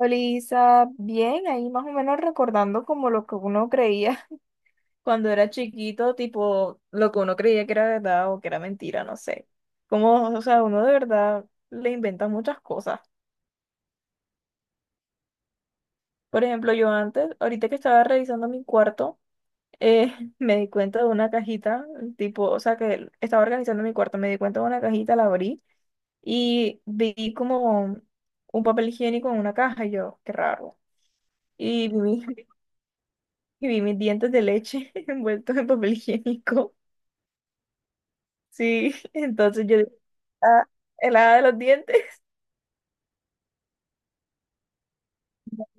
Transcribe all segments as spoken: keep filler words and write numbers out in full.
Olisa, bien, ahí más o menos recordando como lo que uno creía cuando era chiquito, tipo lo que uno creía que era verdad o que era mentira, no sé. Como, o sea, uno de verdad le inventa muchas cosas. Por ejemplo, yo antes, ahorita que estaba revisando mi cuarto, eh, me di cuenta de una cajita, tipo, o sea, que estaba organizando mi cuarto, me di cuenta de una cajita, la abrí y vi como un papel higiénico en una caja y yo, qué raro. Y vi y vi mis dientes de leche envueltos en papel higiénico. Sí, entonces yo dije, ah, el hada de los dientes.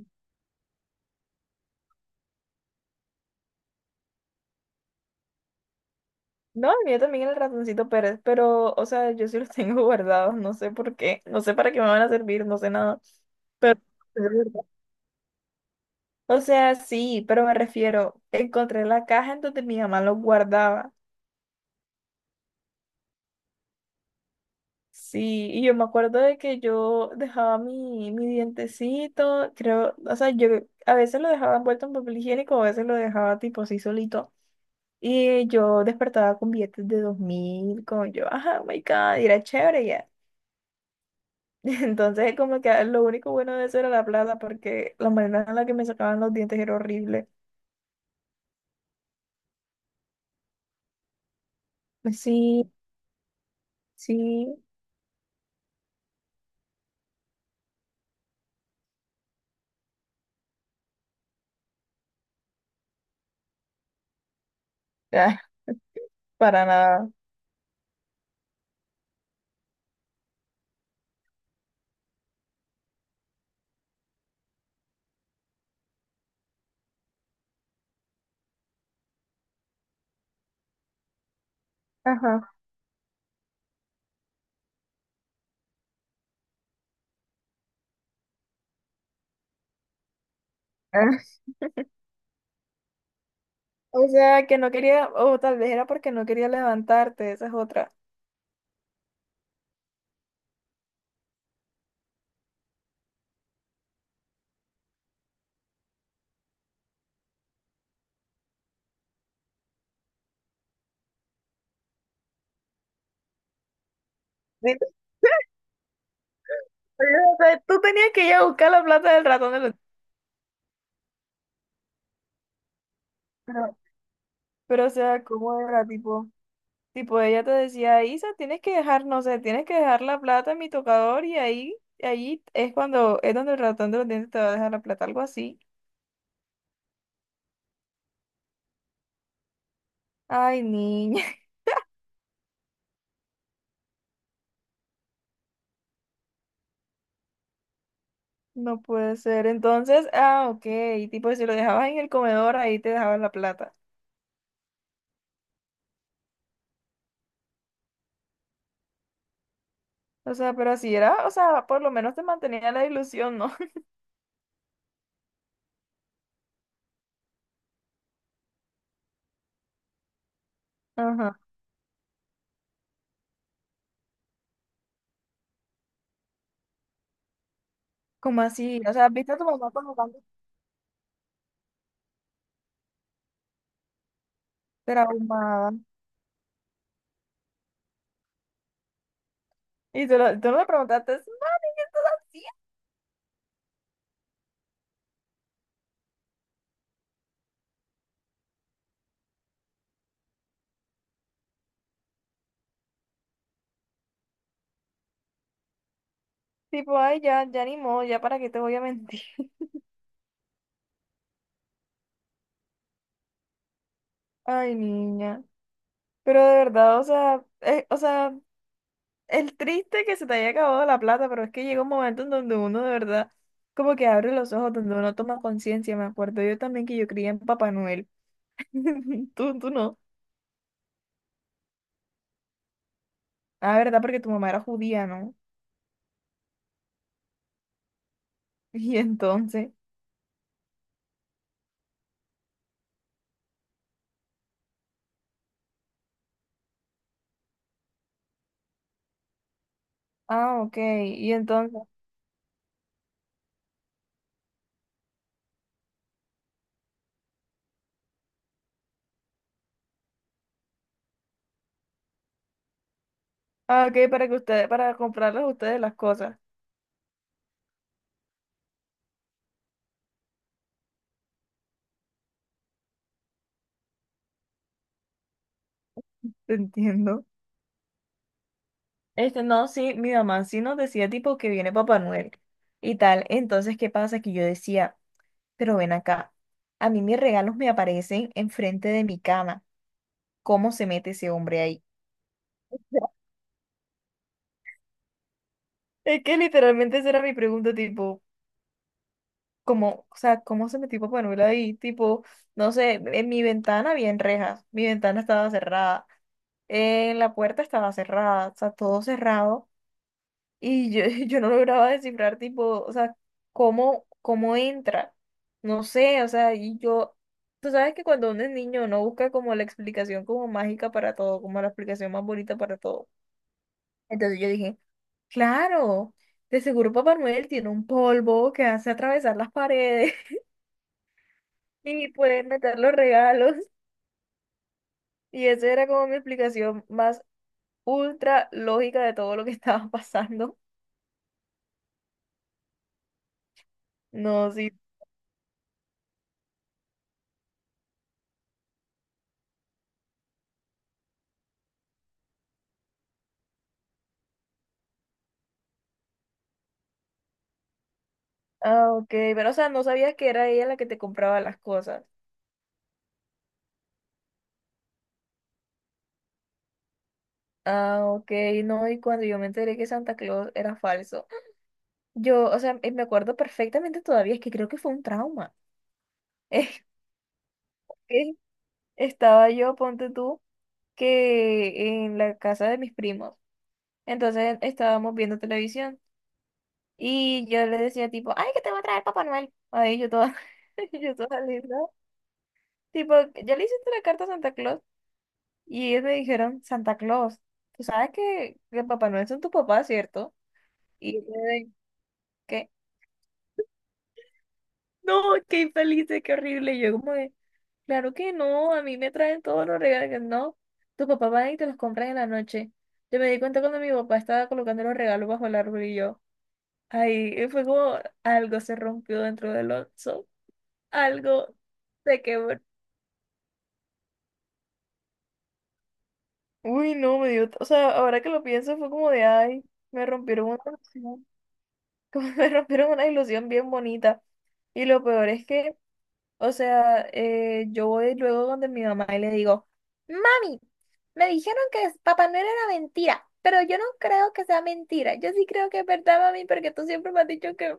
No, el mío también era el ratoncito Pérez, pero, o sea, yo sí los tengo guardados, no sé por qué, no sé para qué me van a servir, no sé nada, pero... O sea, sí, pero me refiero, encontré la caja en donde mi mamá los guardaba. Sí, y yo me acuerdo de que yo dejaba mi, mi dientecito, creo, o sea, yo a veces lo dejaba envuelto en papel higiénico, a veces lo dejaba tipo así solito. Y yo despertaba con billetes de dos mil como yo, ajá, oh my God, y era chévere ya. Entonces, como que ah, lo único bueno de eso era la plata, porque la manera en la que me sacaban los dientes era horrible. Sí, sí, ah, para nada. Ajá. Ah. O sea, que no quería, o tal vez era porque no quería levantarte, esa es otra. Sí. O sea, tú tenías que ir a buscar la plata del ratón de los... Pero, pero, o sea, ¿cómo era, tipo? Tipo, ella te decía, Isa, tienes que dejar, no sé, tienes que dejar la plata en mi tocador y ahí, ahí es cuando, es donde el ratón de los dientes te va a dejar la plata, algo así. Ay, niña, no puede ser. Entonces, ah, ok, tipo, si lo dejabas en el comedor, ahí te dejaban la plata. O sea, pero así era, o sea, por lo menos te mantenía la ilusión, ¿no? Ajá. ¿Cómo así? O sea, viste a tu mamá como tanto traumada. Y tú, lo- tú no le preguntaste, mami, ¿qué estás haciendo? Tipo, ay, ya, ya ni modo, ya para qué te voy a mentir. Ay, niña. Pero de verdad, o sea, eh, o sea, el triste que se te haya acabado la plata, pero es que llega un momento en donde uno de verdad como que abre los ojos, donde uno toma conciencia. Me acuerdo yo también que yo creía en Papá Noel. Tú, tú no. Ah, verdad, porque tu mamá era judía, ¿no? Y entonces, ah, ok, y entonces, ah, ok, para que ustedes, para comprarles a ustedes las cosas. Te entiendo. Este, no, sí, mi mamá sí nos decía tipo que viene Papá Noel y tal. Entonces, ¿qué pasa? Que yo decía. Pero ven acá, a mí mis regalos me aparecen enfrente de mi cama. ¿Cómo se mete ese hombre ahí? Es que literalmente esa era mi pregunta, tipo, ¿cómo, o sea, cómo se metió Papá Noel ahí? Tipo, no sé, en mi ventana había rejas, mi ventana estaba cerrada, eh, la puerta estaba cerrada, o sea, todo cerrado. Y yo, yo no lograba descifrar, tipo, o sea, cómo, cómo entra. No sé, o sea, y yo, tú sabes que cuando uno es niño no busca como la explicación como mágica para todo, como la explicación más bonita para todo. Entonces yo dije, claro, de seguro Papá Noel tiene un polvo que hace atravesar las paredes y pueden meter los regalos. Y esa era como mi explicación más ultra lógica de todo lo que estaba pasando. No, sí. Ah, ok, pero o sea, no sabías que era ella la que te compraba las cosas. Ah, ok, no, y cuando yo me enteré que Santa Claus era falso, yo, o sea, eh, me acuerdo perfectamente todavía, es que creo que fue un trauma. Es que estaba yo, ponte tú, que en la casa de mis primos, entonces estábamos viendo televisión y yo le decía tipo, ay, que te va a traer Papá Noel. Ahí yo toda, yo toda linda, tipo, ¿ya le hiciste la carta a Santa Claus? Y ellos me dijeron, Santa Claus, tú sabes que, que Papá Noel son tu papá, ¿cierto? Y yo quedé, ¿qué? No, qué infelices, qué horrible. Y yo como de, claro que no, a mí me traen todos los regalos. Que no, tu papá va y te los compra en la noche. Yo me di cuenta cuando mi papá estaba colocando los regalos bajo el árbol y yo, ay, y fue como algo se rompió dentro del oso, algo se quebró. Uy, no, me dio, o sea, ahora que lo pienso fue como de, ay, me rompieron una como me rompieron una ilusión bien bonita. Y lo peor es que, o sea, eh, yo voy luego donde mi mamá y le digo, mami, me dijeron que es- Papá Noel era mentira, pero yo no creo que sea mentira. Yo sí creo que es verdad, mami, porque tú siempre me has dicho que...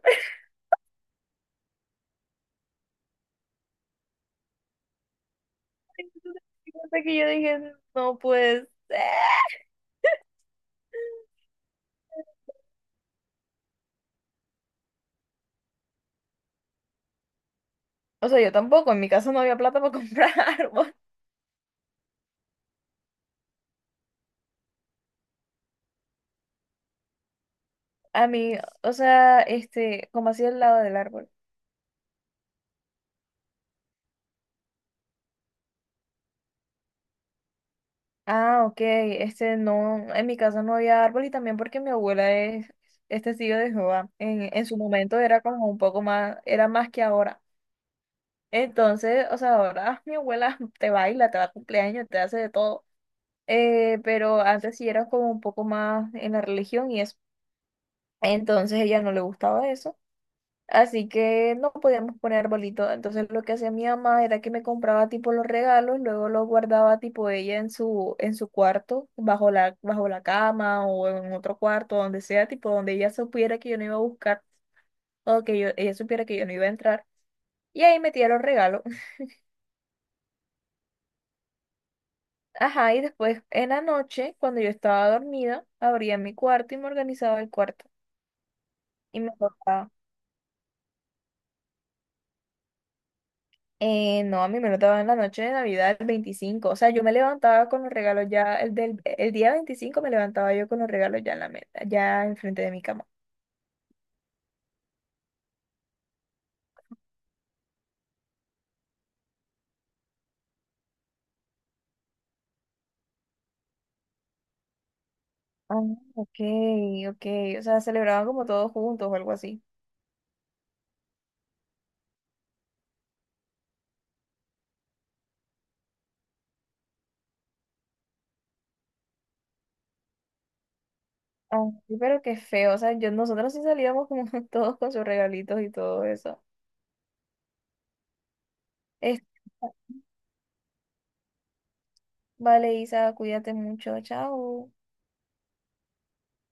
Hasta que yo dije, no, pues... O sea, yo tampoco, en mi casa no había plata para comprar árbol. A mí, o sea, este, como así al lado del árbol. Ah, ok. Este no, en mi casa no había árbol y también porque mi abuela es, es testigo de Jehová. En, en su momento era como un poco más, era más que ahora. Entonces, o sea, ahora mi abuela te baila, te va a cumpleaños, te hace de todo. Eh, pero antes sí era como un poco más en la religión y eso. Entonces ella no le gustaba eso. Así que no podíamos poner arbolito. Entonces lo que hacía mi mamá era que me compraba tipo los regalos, luego los guardaba tipo ella en su, en su cuarto, bajo la, bajo la cama o en otro cuarto, donde sea, tipo donde ella supiera que yo no iba a buscar o que yo, ella supiera que yo no iba a entrar. Y ahí metía los regalos. Ajá, y después en la noche, cuando yo estaba dormida, abría mi cuarto y me organizaba el cuarto. Y me acostaba. Eh, no, a mí me lo daban en la noche de Navidad, el veinticinco. O sea, yo me levantaba con los regalos ya, el del, el día veinticinco me levantaba yo con los regalos ya en la mesa, ya enfrente de mi cama. Ah, ok, ok. O sea, celebraban como todos juntos o algo así. Ah, sí, pero qué feo. O sea, yo, nosotros sí salíamos como todos con sus regalitos y todo eso. Es- vale, Isa, cuídate mucho. Chao.